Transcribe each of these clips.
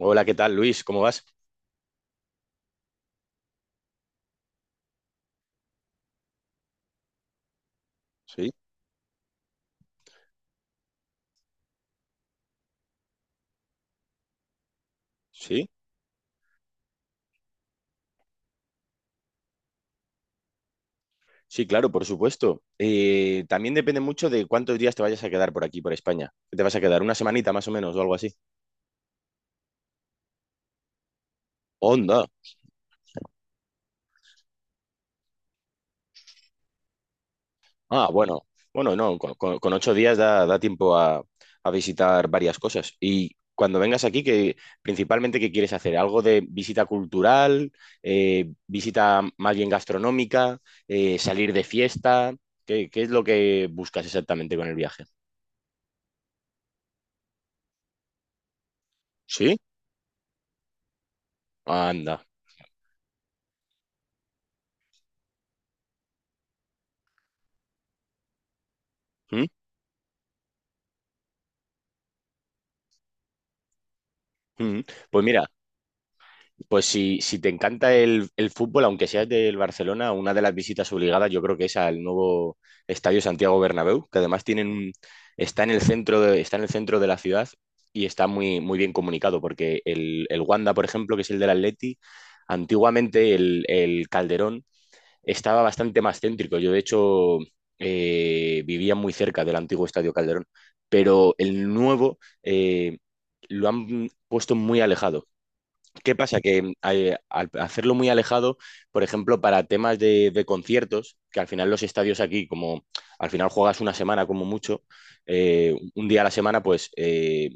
Hola, ¿qué tal, Luis? ¿Cómo vas? Sí, sí, sí, claro, por supuesto. También depende mucho de cuántos días te vayas a quedar por aquí, por España. ¿Qué ¿Te vas a quedar una semanita más o menos o algo así? Onda. Ah, bueno, bueno, no, con ocho días da tiempo a visitar varias cosas. Y cuando vengas aquí, que principalmente, ¿qué quieres hacer? ¿Algo de visita cultural, visita más bien gastronómica, salir de fiesta? ¿Qué es lo que buscas exactamente con el viaje? Sí, anda. ¿Mm? Mm, Pues mira, pues si te encanta el fútbol, aunque seas del Barcelona, una de las visitas obligadas yo creo que es al nuevo Estadio Santiago Bernabéu, que además está en el centro de, está en el centro de la ciudad y está muy, muy bien comunicado, porque el Wanda, por ejemplo, que es el del Atleti, antiguamente el Calderón estaba bastante más céntrico. Yo, de hecho, vivía muy cerca del antiguo Estadio Calderón, pero el nuevo... eh, lo han puesto muy alejado. ¿Qué pasa? Que al hacerlo muy alejado, por ejemplo, para temas de conciertos, que al final los estadios aquí, como al final juegas una semana como mucho, un día a la semana, pues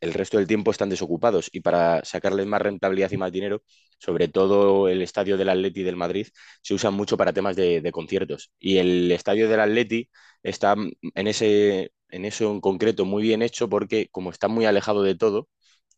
el resto del tiempo están desocupados y para sacarles más rentabilidad y más dinero, sobre todo el estadio del Atleti del Madrid, se usa mucho para temas de conciertos. Y el estadio del Atleti está en ese, en eso en concreto muy bien hecho porque como está muy alejado de todo,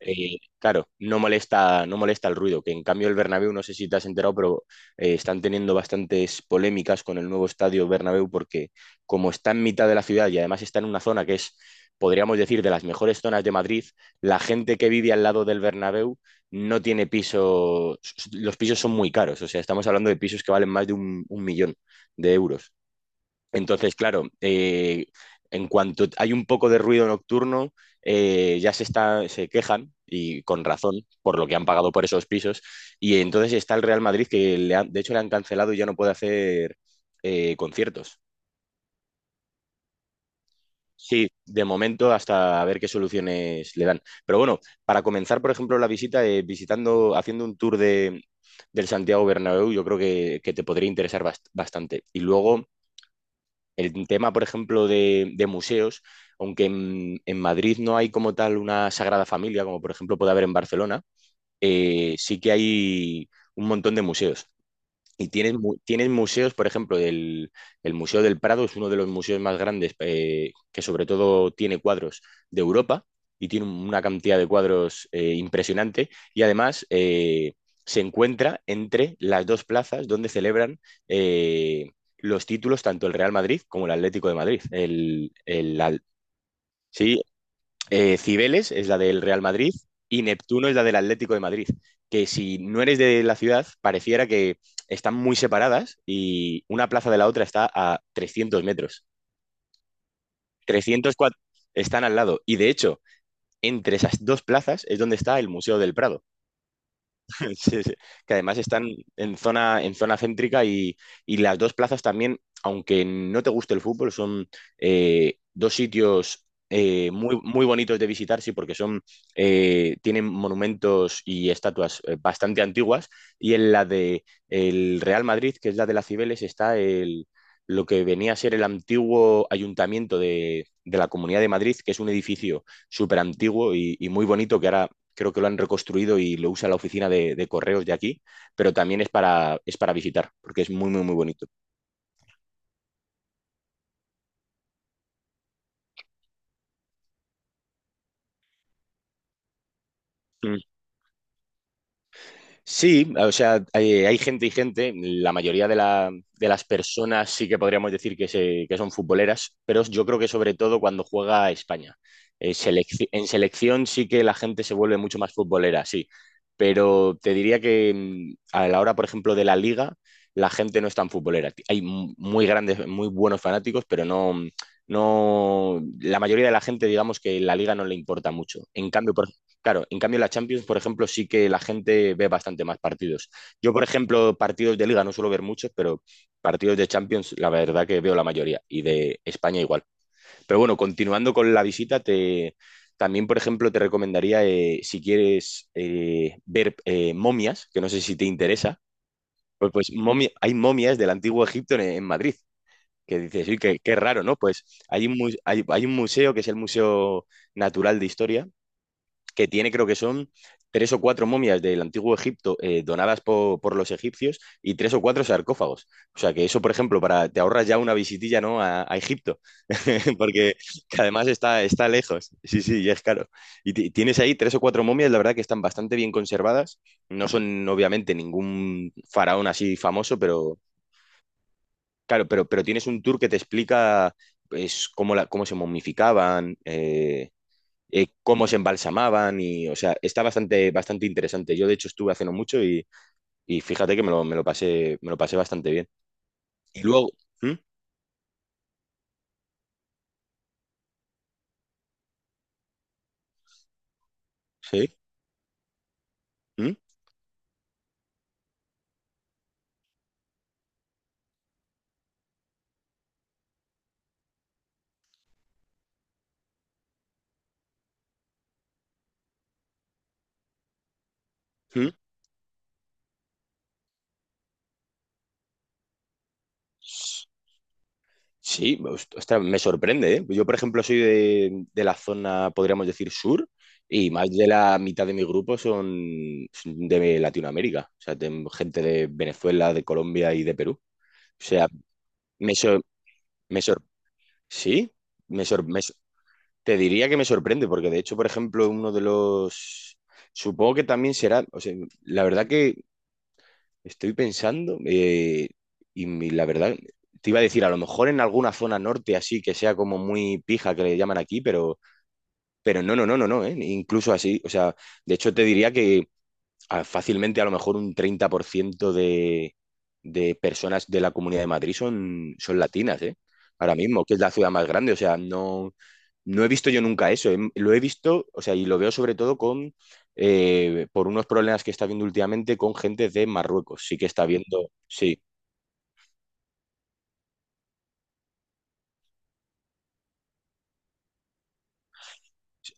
eh, claro, no molesta, no molesta el ruido, que en cambio el Bernabéu, no sé si te has enterado, pero están teniendo bastantes polémicas con el nuevo estadio Bernabéu porque como está en mitad de la ciudad y además está en una zona que es, podríamos decir, de las mejores zonas de Madrid, la gente que vive al lado del Bernabéu no tiene piso, los pisos son muy caros, o sea, estamos hablando de pisos que valen más de un millón de euros. Entonces, claro, en cuanto hay un poco de ruido nocturno, ya se quejan, y con razón, por lo que han pagado por esos pisos. Y entonces está el Real Madrid, que de hecho le han cancelado y ya no puede hacer conciertos. Sí, de momento hasta a ver qué soluciones le dan. Pero bueno, para comenzar, por ejemplo, la visita, visitando, haciendo un tour del Santiago Bernabéu, yo creo que te podría interesar bastante. Y luego el tema, por ejemplo, de, museos, aunque en Madrid no hay como tal una Sagrada Familia, como por ejemplo puede haber en Barcelona, sí que hay un montón de museos. Y tienen museos, por ejemplo, el Museo del Prado es uno de los museos más grandes, que sobre todo tiene cuadros de Europa y tiene una cantidad de cuadros impresionante. Y además se encuentra entre las dos plazas donde celebran eh, los títulos tanto el Real Madrid como el Atlético de Madrid. Sí, Cibeles es la del Real Madrid y Neptuno es la del Atlético de Madrid, que si no eres de la ciudad, pareciera que están muy separadas y una plaza de la otra está a 300 metros. 304 están al lado y de hecho, entre esas dos plazas es donde está el Museo del Prado. Sí, sí. Que además están en zona céntrica y las dos plazas también, aunque no te guste el fútbol, son dos sitios muy, muy bonitos de visitar, sí, porque son, tienen monumentos y estatuas bastante antiguas. Y en la de el Real Madrid, que es la de las Cibeles, está el, lo que venía a ser el antiguo ayuntamiento de la Comunidad de Madrid, que es un edificio súper antiguo y muy bonito que ahora creo que lo han reconstruido y lo usa la oficina de correos de aquí, pero también es para visitar, porque es muy, muy, muy bonito. Mm. Sí, o sea, hay gente y gente. La mayoría de las personas sí que podríamos decir que son futboleras, pero yo creo que sobre todo cuando juega a España. En selección sí que la gente se vuelve mucho más futbolera, sí. Pero te diría que a la hora, por ejemplo, de la liga, la gente no es tan futbolera. Hay muy grandes, muy buenos fanáticos, pero no, no, la mayoría de la gente, digamos que la liga no le importa mucho. En cambio, por Claro, en cambio la Champions, por ejemplo, sí que la gente ve bastante más partidos. Yo, por ejemplo, partidos de Liga no suelo ver muchos, pero partidos de Champions, la verdad que veo la mayoría y de España igual. Pero bueno, continuando con la visita, también, por ejemplo, te recomendaría, si quieres ver momias, que no sé si te interesa, hay momias del antiguo Egipto en Madrid, que dices, uy, qué, qué raro, ¿no? Pues hay un museo que es el Museo Natural de Historia que tiene creo que son tres o cuatro momias del antiguo Egipto donadas por los egipcios y tres o cuatro sarcófagos. O sea que eso, por ejemplo, para, te ahorras ya una visitilla, ¿no? a, Egipto, porque que además está lejos. Sí, sí, y es caro. Y tienes ahí tres o cuatro momias, la verdad que están bastante bien conservadas. No son obviamente ningún faraón así famoso, pero claro, pero tienes un tour que te explica pues, cómo, la, cómo se momificaban, cómo se embalsamaban y, o sea, está bastante, bastante interesante. Yo, de hecho, estuve hace no mucho y fíjate que me lo pasé bastante bien. Y luego, ¿Mm? ¿Sí? ¿Mm? ¿Mm? Sí, ostras, me sorprende, ¿eh? Yo, por ejemplo, soy de la zona, podríamos decir, sur, y más de la mitad de mi grupo son de Latinoamérica, o sea, de- gente de Venezuela, de Colombia y de Perú. O sea, me, sor- me sor- sí, me, sor- me te diría que me sorprende, porque de hecho, por ejemplo, uno de los. Supongo que también será, o sea, la verdad que estoy pensando, y la verdad, te iba a decir, a lo mejor en alguna zona norte así, que sea como muy pija, que le llaman aquí, pero, no, no, no, no, no, incluso así, o sea, de hecho te diría que fácilmente a lo mejor un 30% de personas de la Comunidad de Madrid son, son latinas, ¿eh? Ahora mismo, que es la ciudad más grande. O sea, no, no he visto yo nunca eso. Lo he visto, o sea, y lo veo sobre todo por unos problemas que está viendo últimamente con gente de Marruecos. Sí que está viendo, sí.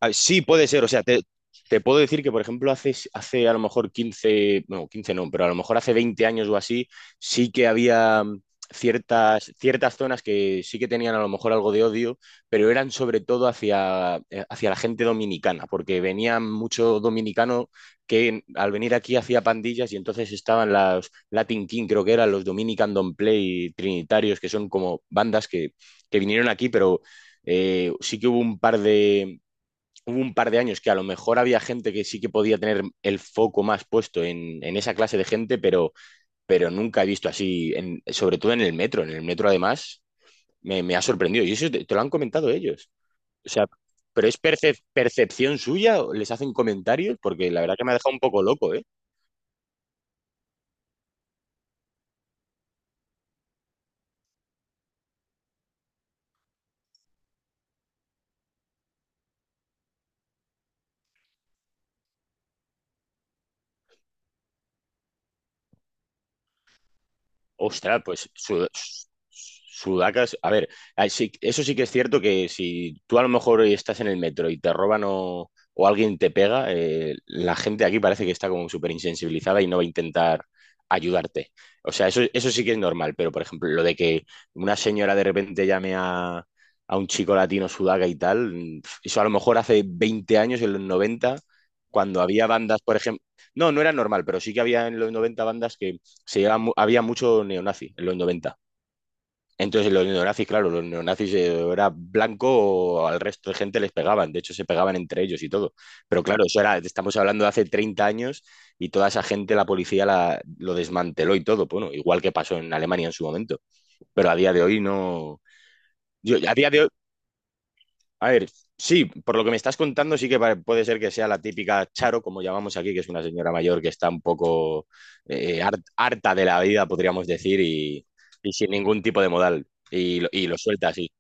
Ah, sí, puede ser. O sea, te puedo decir que, por ejemplo, hace a lo mejor 15 no, 15 no, pero a lo mejor hace 20 años o así, sí que había ciertas zonas que sí que tenían a lo mejor algo de odio, pero eran sobre todo hacia la gente dominicana, porque venía mucho dominicano que al venir aquí hacía pandillas y entonces estaban las Latin King, creo que eran los Dominican Don't Play y Trinitarios, que son como bandas que vinieron aquí, pero sí que hubo un par de años que a lo mejor había gente que sí que podía tener el foco más puesto en, esa clase de gente, pero nunca he visto así, sobre todo en el metro. En el metro, además, me ha sorprendido. Y eso lo han comentado ellos. O sea, ¿pero es percepción suya? ¿Les hacen comentarios? Porque la verdad que me ha dejado un poco loco, ¿eh? Ostras, pues sudaca, a ver, eso sí que es cierto que si tú a lo mejor estás en el metro y te roban o alguien te pega, la gente aquí parece que está como súper insensibilizada y no va a intentar ayudarte. O sea, eso sí que es normal, pero por ejemplo, lo de que una señora de repente llame a un chico latino sudaca y tal, eso a lo mejor hace 20 años, en los 90, cuando había bandas, por ejemplo, no, no era normal, pero sí que había en los 90 bandas que se llevaba había mucho neonazi en los noventa. Entonces, los neonazis, claro, los neonazis era blanco, al resto de gente les pegaban, de hecho se pegaban entre ellos y todo. Pero claro, eso era, estamos hablando de hace 30 años y toda esa gente, la policía la, lo desmanteló y todo, bueno, igual que pasó en Alemania en su momento. Pero a día de hoy no. Yo, a día de hoy, a ver, sí, por lo que me estás contando, sí que puede ser que sea la típica Charo, como llamamos aquí, que es una señora mayor que está un poco harta de la vida, podríamos decir, y, sin ningún tipo de modal, y lo suelta así.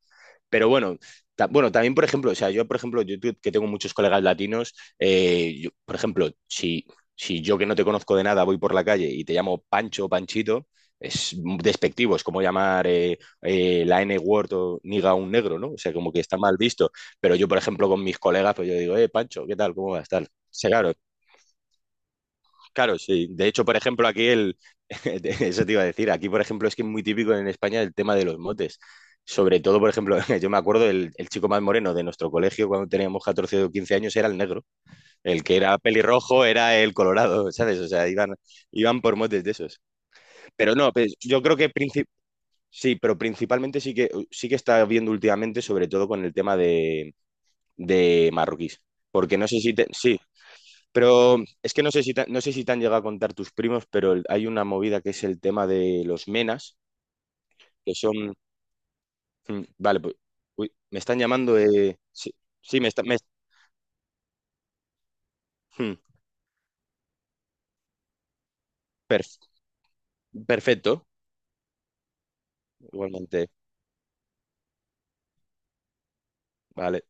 Pero bueno, bueno, también, por ejemplo, o sea, yo, por ejemplo, yo que tengo muchos colegas latinos, yo, por ejemplo, si yo que no te conozco de nada voy por la calle y te llamo Pancho o Panchito, es despectivo, es como llamar la N-word o niga a un negro, ¿no? O sea, como que está mal visto. Pero yo, por ejemplo, con mis colegas, pues yo digo, Pancho, ¿qué tal? ¿Cómo vas? Tal. O sea, claro, claro, sí. De hecho, por ejemplo, eso te iba a decir, aquí, por ejemplo, es que es muy típico en España el tema de los motes. Sobre todo, por ejemplo, yo me acuerdo el, chico más moreno de nuestro colegio cuando teníamos 14 o 15 años era el negro. El que era pelirrojo era el colorado, ¿sabes? O sea, iban, iban por motes de esos. Pero no, pues, yo creo que sí, pero principalmente sí que está viendo últimamente, sobre todo con el tema de, marroquíes. Porque no sé si te- sí, pero es que no sé si te han llegado a contar tus primos, pero hay una movida que es el tema de los menas, que son. Vale, pues. Uy, me están llamando. Sí, sí, me está, me- mm, perf- perfecto, igualmente. Vale.